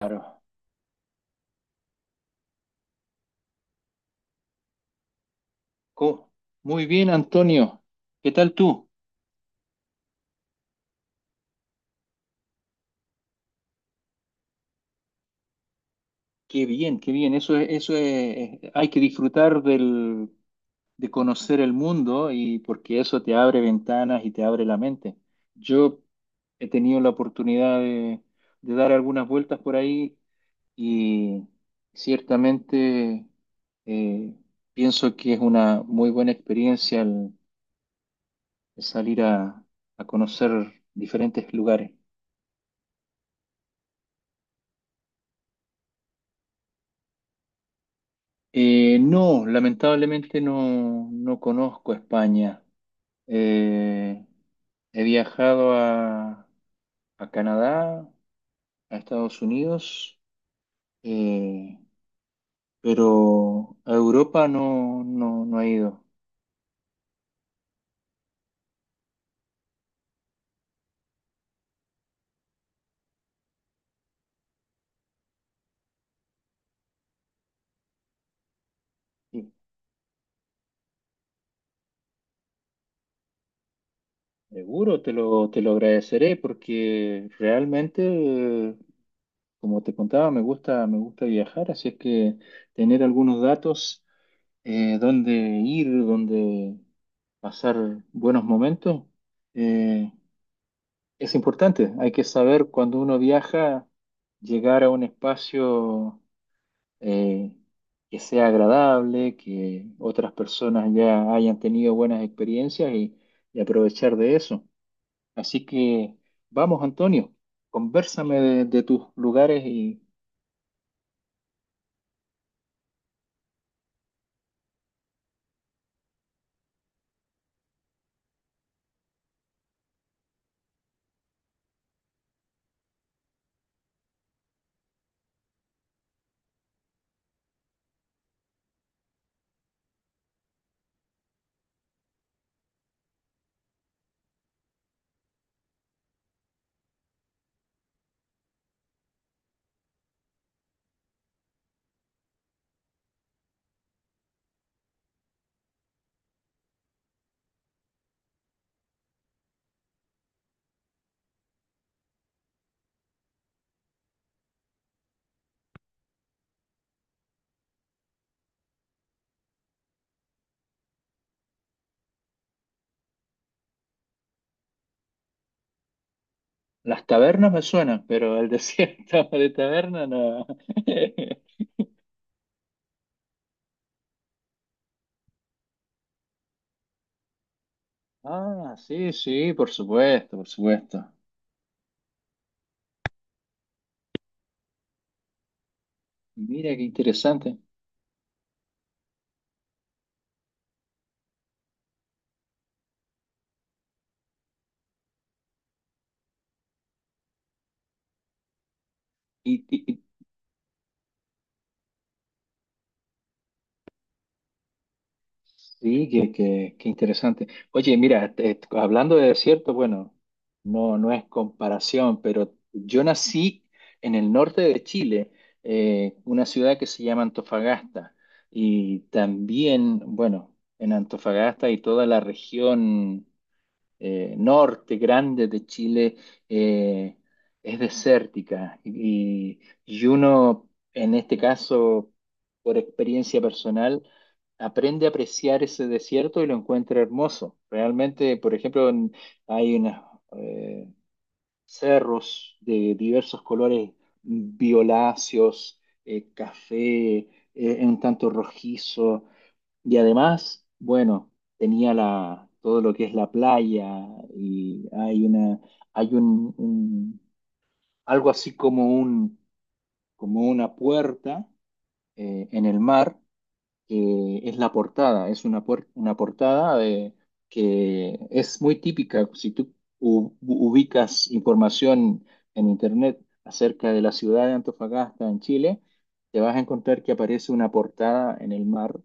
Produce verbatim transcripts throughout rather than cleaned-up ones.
Claro. Co- Muy bien, Antonio. ¿Qué tal tú? Qué bien, qué bien. Eso es, eso es, hay que disfrutar del, de conocer el mundo, y porque eso te abre ventanas y te abre la mente. Yo he tenido la oportunidad de, de dar algunas vueltas por ahí y ciertamente eh, pienso que es una muy buena experiencia el, el salir a, a conocer diferentes lugares. Eh, no, lamentablemente no, no conozco España. Eh, He viajado a, a Canadá, a Estados Unidos, eh, pero a Europa no, no, no he ido. Y seguro te lo, te lo agradeceré porque realmente, eh, como te contaba, me gusta, me gusta viajar, así es que tener algunos datos. Eh, dónde ir, dónde pasar buenos momentos, eh, es importante. Hay que saber cuando uno viaja, llegar a un espacio eh, que sea agradable, que otras personas ya hayan tenido buenas experiencias y, y aprovechar de eso. Así que vamos, Antonio, convérsame de, de tus lugares y las tabernas me suenan, pero el desierto de taberna no. Ah, sí, sí, por supuesto, por supuesto. Mira, qué interesante. Y, y- y- sí, qué, qué- qué interesante. Oye, mira, te- hablando de desierto, bueno, no, no es comparación, pero yo nací en el norte de Chile, eh, una ciudad que se llama Antofagasta. Y también, bueno, en Antofagasta y toda la región. Eh, norte grande de Chile eh, es desértica y, y uno, en este caso, por experiencia personal, aprende a apreciar ese desierto y lo encuentra hermoso. Realmente, por ejemplo, en- hay unos eh, cerros de diversos colores violáceos, eh, café, eh, un tanto rojizo. Y además, bueno, tenía la, todo lo que es la playa y hay una, hay un, un- algo así como un, como una puerta eh, en el mar que es la portada. Es una, puer- una portada de, que es muy típica. Si tú u- ubicas información en internet acerca de la ciudad de Antofagasta en Chile, te vas a encontrar que aparece una portada en el mar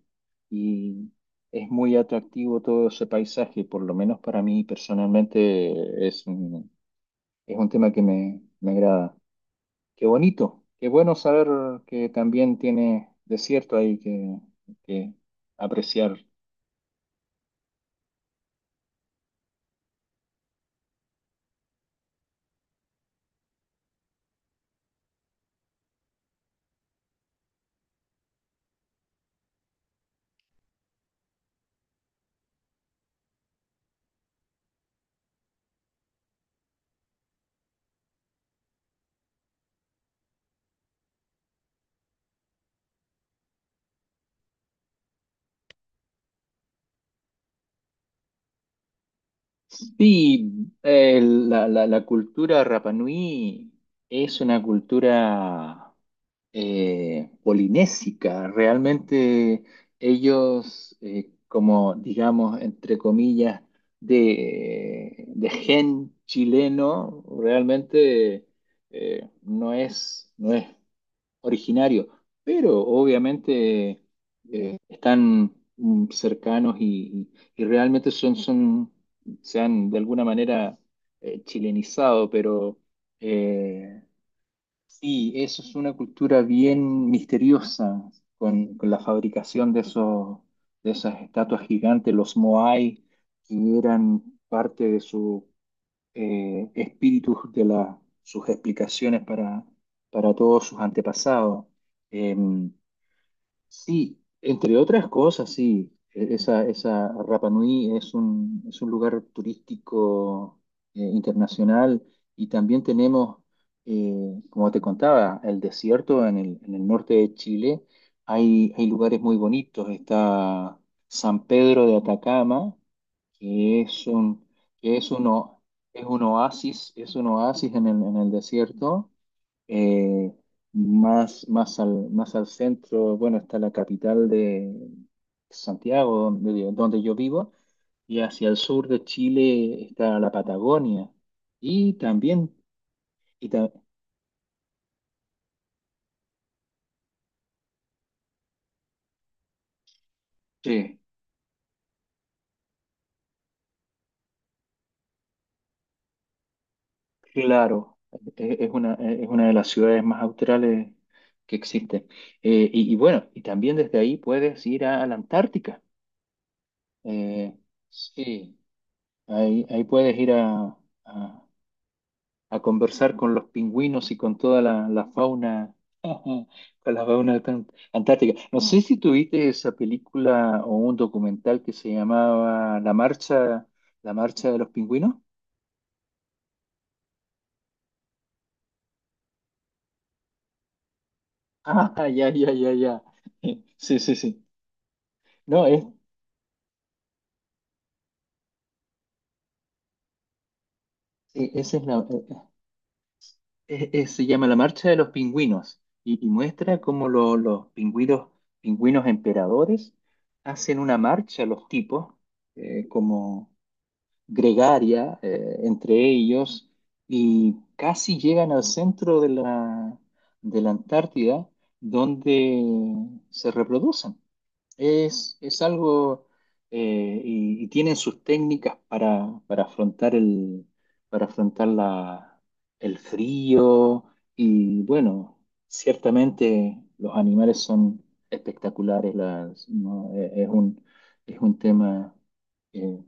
y es muy atractivo todo ese paisaje. Por lo menos para mí personalmente es un, es un tema que me, me agrada. Qué bonito, qué bueno saber que también tiene desierto ahí que, que apreciar. Sí, eh, la, la- la cultura Rapa Nui es una cultura eh, polinésica. Realmente ellos, eh, como digamos, entre comillas, de, de gen chileno, realmente eh, no es, no es originario, pero obviamente eh, están mm, cercanos y, y- y realmente son, son, se han de alguna manera eh, chilenizado, pero eh, sí, eso es una cultura bien misteriosa con, con la fabricación de esos, de esas estatuas gigantes, los Moai, que eran parte de su eh, espíritus de la- sus explicaciones para, para todos sus antepasados. Eh, sí, entre otras cosas, sí, e- esa, esa Rapa Nui es un, es un lugar turístico eh, internacional, y también tenemos, eh, como te contaba, el desierto en el, en el norte de Chile. Hay, hay lugares muy bonitos, está San Pedro de Atacama que es un, que es uno, es un oasis, es un oasis en el, en el desierto, eh, más, más al, más al centro, bueno, está la capital de Santiago, donde, donde yo vivo, y hacia el sur de Chile está la Patagonia, y también, y ta- sí, claro, e- es una, es una de las ciudades más australes que existe. Eh, y, y bueno, y también desde ahí puedes ir a a la Antártica. Eh, sí, ahí, ahí puedes ir a, a- a conversar con los pingüinos y con toda la, la fauna, con la fauna tan- antártica. No sé si tuviste esa película o un documental que se llamaba La Marcha, La Marcha de los Pingüinos. Ah, ya, ya, ya, ya. Sí, sí, sí. No, es, sí, esa es la. E, Eh, eh, se llama La Marcha de los Pingüinos, y, y muestra cómo lo- los pingüinos, pingüinos emperadores hacen una marcha, los tipos, eh, como gregaria, eh, entre ellos, y casi llegan al centro de la, de la Antártida, donde se reproducen. Es, es algo, eh, y, y tienen sus técnicas para, para afrontar el, para afrontar la, el frío. Y bueno, ciertamente los animales son espectaculares. Las- no, Eh, es un, es un tema eh,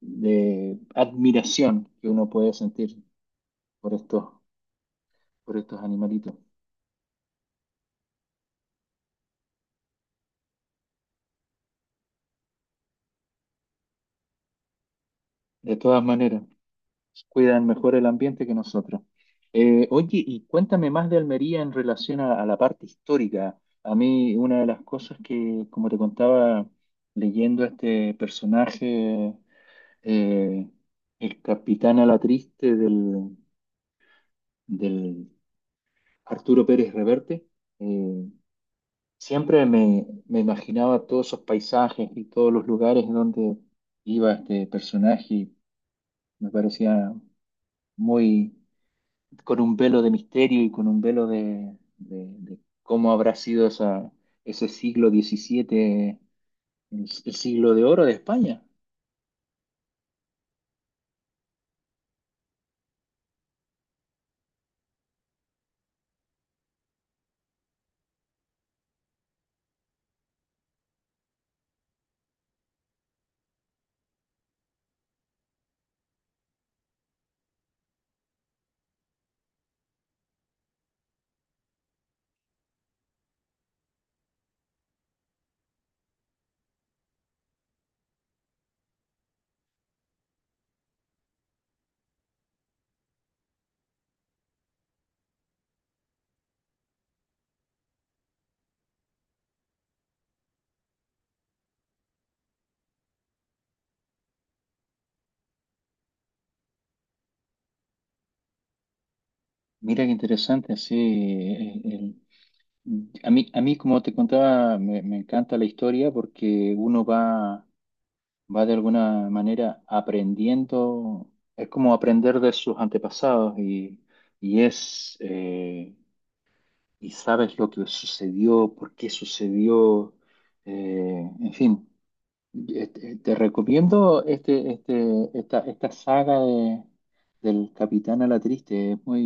de admiración que uno puede sentir por estos, por estos animalitos. De todas maneras cuidan mejor el ambiente que nosotros. Eh, oye, y cuéntame más de Almería en relación a, a la parte histórica. A mí, una de las cosas que, como te contaba, leyendo a este personaje, eh, el capitán a la triste del, del Arturo Pérez Reverte, eh, siempre me, me imaginaba todos esos paisajes y todos los lugares donde iba este personaje, y me parecía muy con un velo de misterio y con un velo de, de- de cómo habrá sido esa, ese siglo diecisiete, el, el siglo de oro de España. Mira qué interesante, sí. Eh, el- a mí, a mí, como te contaba, me, me encanta la historia, porque uno va, va de alguna manera aprendiendo, es como aprender de sus antepasados y, y es, eh, y sabes lo que sucedió, por qué sucedió. Eh, en fin, Este, te recomiendo este, este, esta, esta saga de- del Capitán a la Triste. Es muy,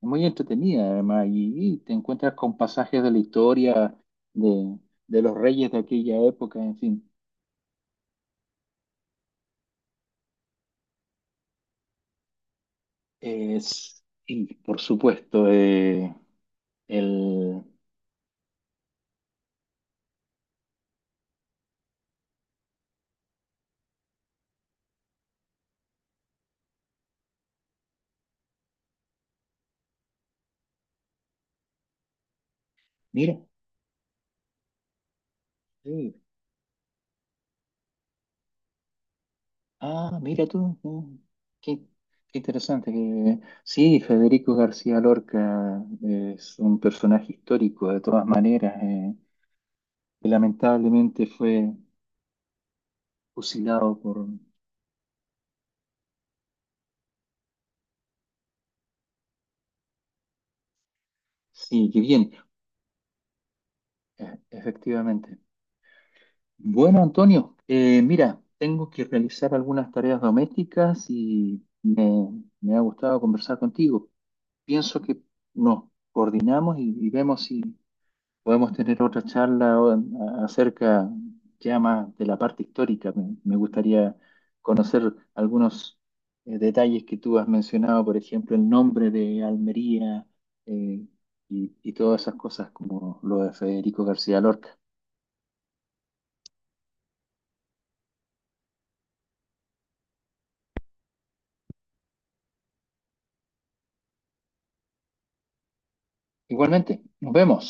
muy entretenida, además, y, y te encuentras con pasajes de la historia de, de los reyes de aquella época, en fin. Es, y por supuesto, eh, el. Mira, sí. Ah, mira tú. mm, Qué, qué interesante. Que- sí, Federico García Lorca es un personaje histórico, de todas maneras. Eh, y lamentablemente fue fusilado por... Sí, qué bien, e- efectivamente. Bueno, Antonio, eh, mira, tengo que realizar algunas tareas domésticas y me, me ha gustado conversar contigo. Pienso que nos coordinamos y, y vemos si podemos tener otra charla o- acerca ya más de la parte histórica. Me, me gustaría conocer algunos eh, detalles que tú has mencionado, por ejemplo, el nombre de Almería, eh, y, y todas esas cosas, como lo de Federico García Lorca. Igualmente, nos vemos.